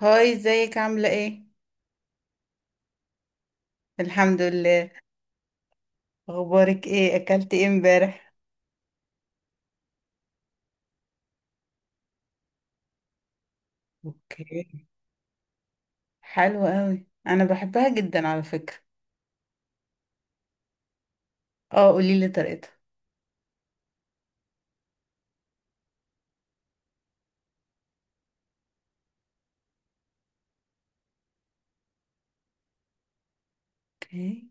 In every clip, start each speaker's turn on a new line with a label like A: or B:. A: هاي، ازيك عاملة ايه؟ الحمد لله. اخبارك ايه؟ اكلت ايه امبارح؟ اوكي. حلو قوي، انا بحبها جدا على فكرة. اه، قوليلي طريقتها. اوكي،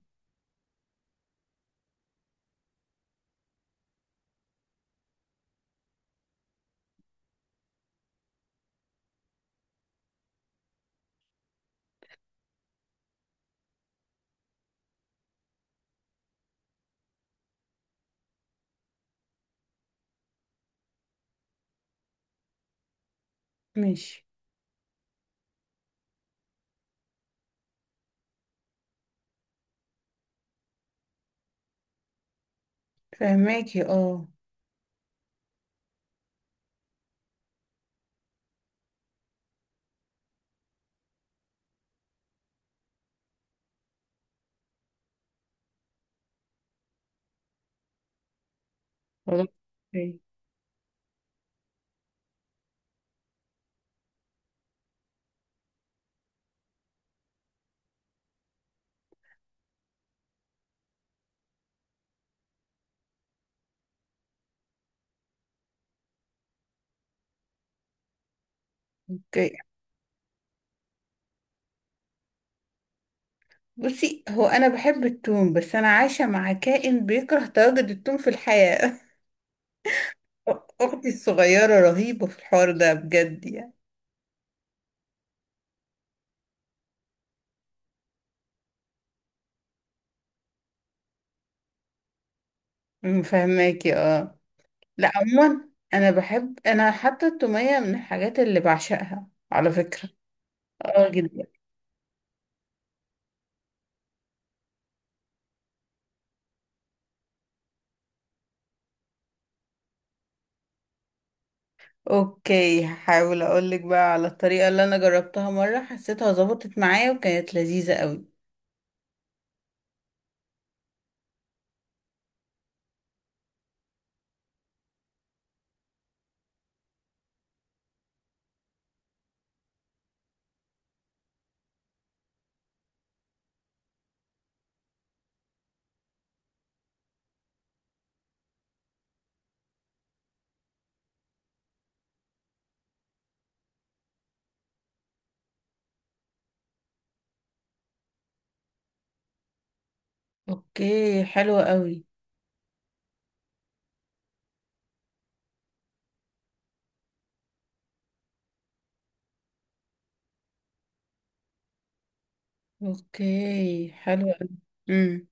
A: ماشي. فهماكي، اه. خلاص. اوكي. اوكي. بصي، هو انا بحب التوم، بس انا عايشة مع كائن بيكره تواجد التوم في الحياة. اختي الصغيرة رهيبة في الحوار ده، بجد يعني. فهماكي، اه. لا، عموما انا بحب، انا حتى التومية من الحاجات اللي بعشقها على فكرة. اه، جدا. اوكي، هحاول اقولك بقى على الطريقة اللي انا جربتها مرة، حسيتها ظبطت معايا وكانت لذيذة قوي. اوكي، حلوة قوي. اوكي، حلوة قوي. امم.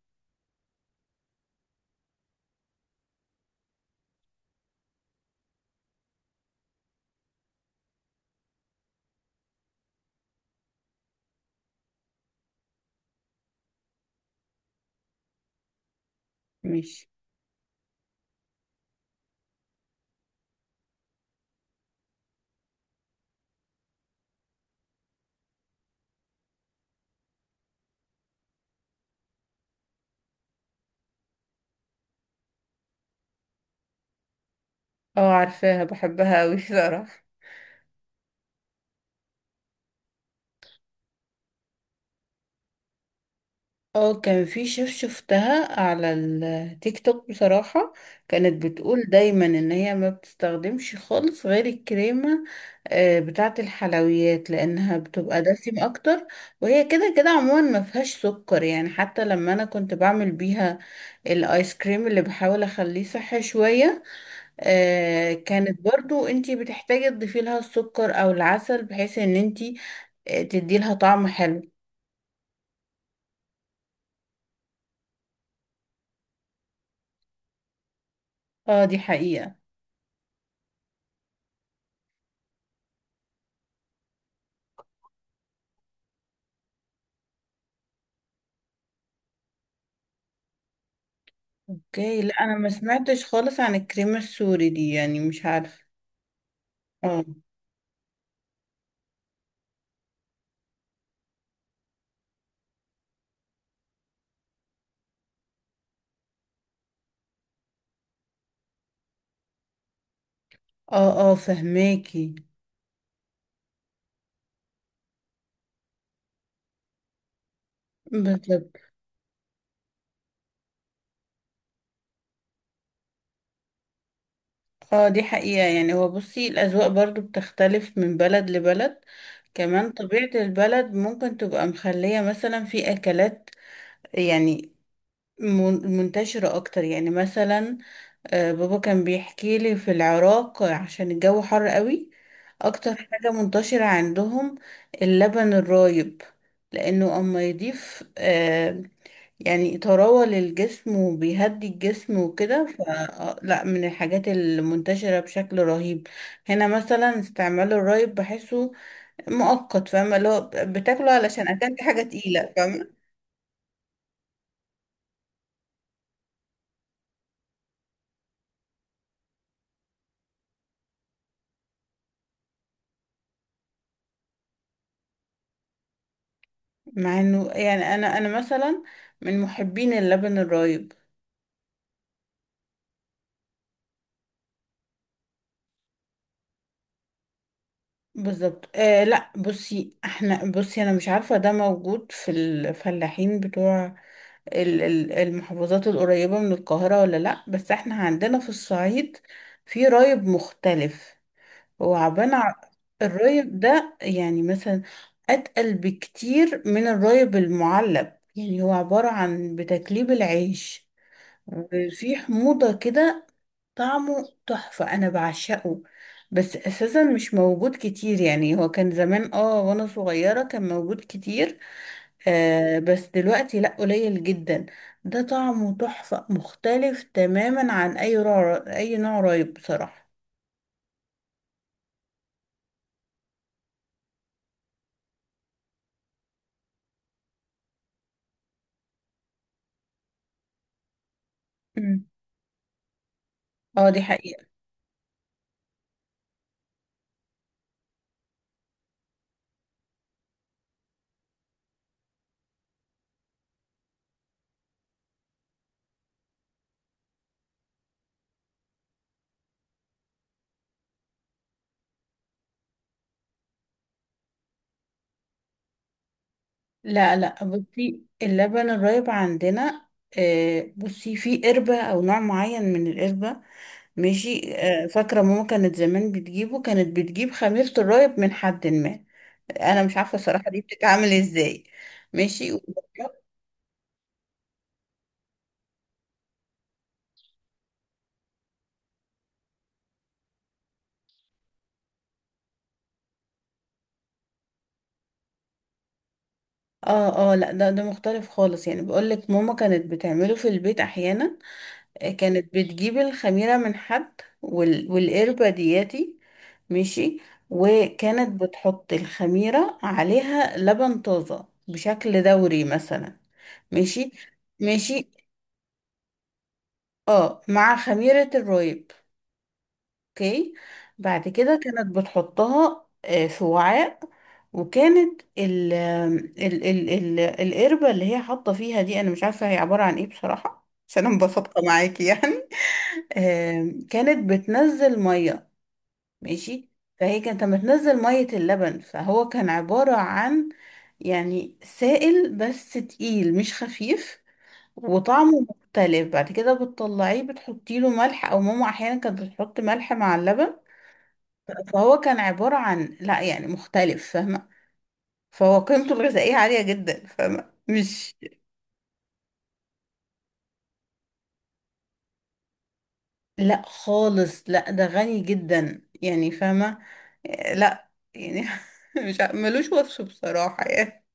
A: ماشي. اه، عارفاها، بحبها قوي بصراحة. اه، كان في شيف شفتها على التيك توك بصراحة. كانت بتقول دايما ان هي ما بتستخدمش خالص غير الكريمة بتاعة الحلويات، لانها بتبقى دسم اكتر. وهي كده كده عموما ما فيهاش سكر يعني، حتى لما انا كنت بعمل بيها الايس كريم اللي بحاول اخليه صحي شوية، كانت برضو انتي بتحتاجي تضيفي لها السكر او العسل بحيث ان انتي تدي لها طعم حلو. اه، دي حقيقة. اوكي. لا، انا ما سمعتش خالص عن الكريمة السوري دي يعني، مش عارفة. اه، اه، اه، فهماكي. بالظبط. اه، دي حقيقة. يعني هو بصي الأذواق برضو بتختلف من بلد لبلد. كمان طبيعة البلد ممكن تبقى مخلية مثلا في أكلات، يعني منتشرة أكتر يعني، مثلا بابا كان بيحكي لي في العراق عشان الجو حر قوي، اكتر حاجة منتشرة عندهم اللبن الرايب، لانه اما يضيف يعني طراوة للجسم وبيهدي الجسم وكده. فلا، من الحاجات المنتشرة بشكل رهيب هنا مثلا استعمال الرايب، بحسه مؤقت، فاهمة؟ اللي هو بتاكله علشان اكلت حاجة تقيلة، فاهمة؟ مع انه يعني انا مثلا من محبين اللبن الرايب. بالظبط، آه. لا، بصي احنا بصي انا مش عارفة ده موجود في الفلاحين بتوع المحافظات القريبة من القاهرة ولا لا، بس احنا عندنا في الصعيد في رايب مختلف. هو عبارة عن. الرايب ده يعني مثلا اتقل بكتير من الرايب المعلب، يعني هو عبارة عن بتكليب العيش وفي حموضة كده. طعمه تحفة، أنا بعشقه، بس أساسا مش موجود كتير. يعني هو كان زمان، اه وأنا صغيرة كان موجود كتير. آه بس دلوقتي لأ، قليل جدا. ده طعمه تحفة، مختلف تماما عن أي نوع، أي نوع رايب بصراحة. مم. اه، دي حقيقة. لا، لا، بصي اللبن الرايب عندنا، آه، بصي في قربة أو نوع معين من القربة. ماشي. آه، فاكرة ماما كانت زمان بتجيبه، كانت بتجيب خميرة الرايب من حد ما. انا مش عارفه الصراحه دي بتتعمل ازاي. ماشي. اه، اه. لا، ده مختلف خالص، يعني بقول لك ماما كانت بتعمله في البيت احيانا. كانت بتجيب الخميره من حد والقربه دياتي. ماشي. وكانت بتحط الخميره عليها لبن طازه بشكل دوري مثلا. ماشي. ماشي. اه، مع خميره الرايب. اوكي. بعد كده كانت بتحطها في وعاء. وكانت ال ال ال ال القربة اللي هي حاطة فيها دي، انا مش عارفة هي عبارة عن ايه بصراحة، عشان انا مبسطة معاكي يعني. كانت بتنزل مية. ماشي. فهي كانت بتنزل مية اللبن، فهو كان عبارة عن يعني سائل بس تقيل، مش خفيف، وطعمه مختلف. بعد كده بتطلعيه، بتحطي له ملح، او ماما احيانا كانت بتحط ملح مع اللبن. فهو كان عبارة عن، لا يعني، مختلف، فاهمة؟ فهو قيمته الغذائية عالية جدا، فاهمة؟ مش. لا، خالص لا، ده غني جدا يعني، فاهمة؟ آه، لا يعني. مش ع- ملوش وصف بصراحة يعني.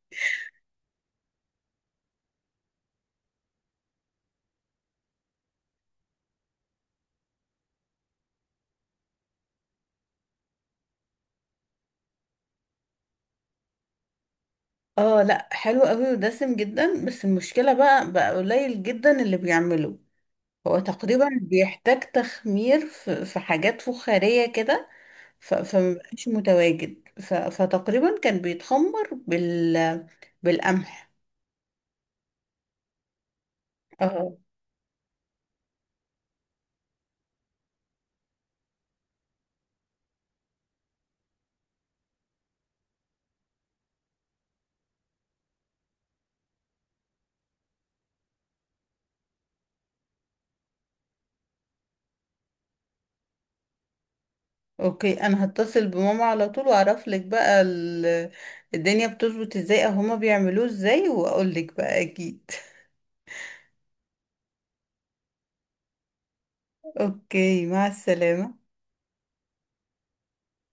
A: اه. لا، حلو قوي ودسم جدا، بس المشكلة بقى قليل جدا اللي بيعمله. هو تقريبا بيحتاج تخمير في حاجات فخارية كده. فمبقاش متواجد. فتقريبا كان بيتخمر بالقمح. اه. اوكي، انا هتصل بماما على طول واعرف لك بقى الدنيا بتظبط ازاي او هما بيعملوه ازاي، واقول لك بقى اكيد. اوكي، مع السلامة.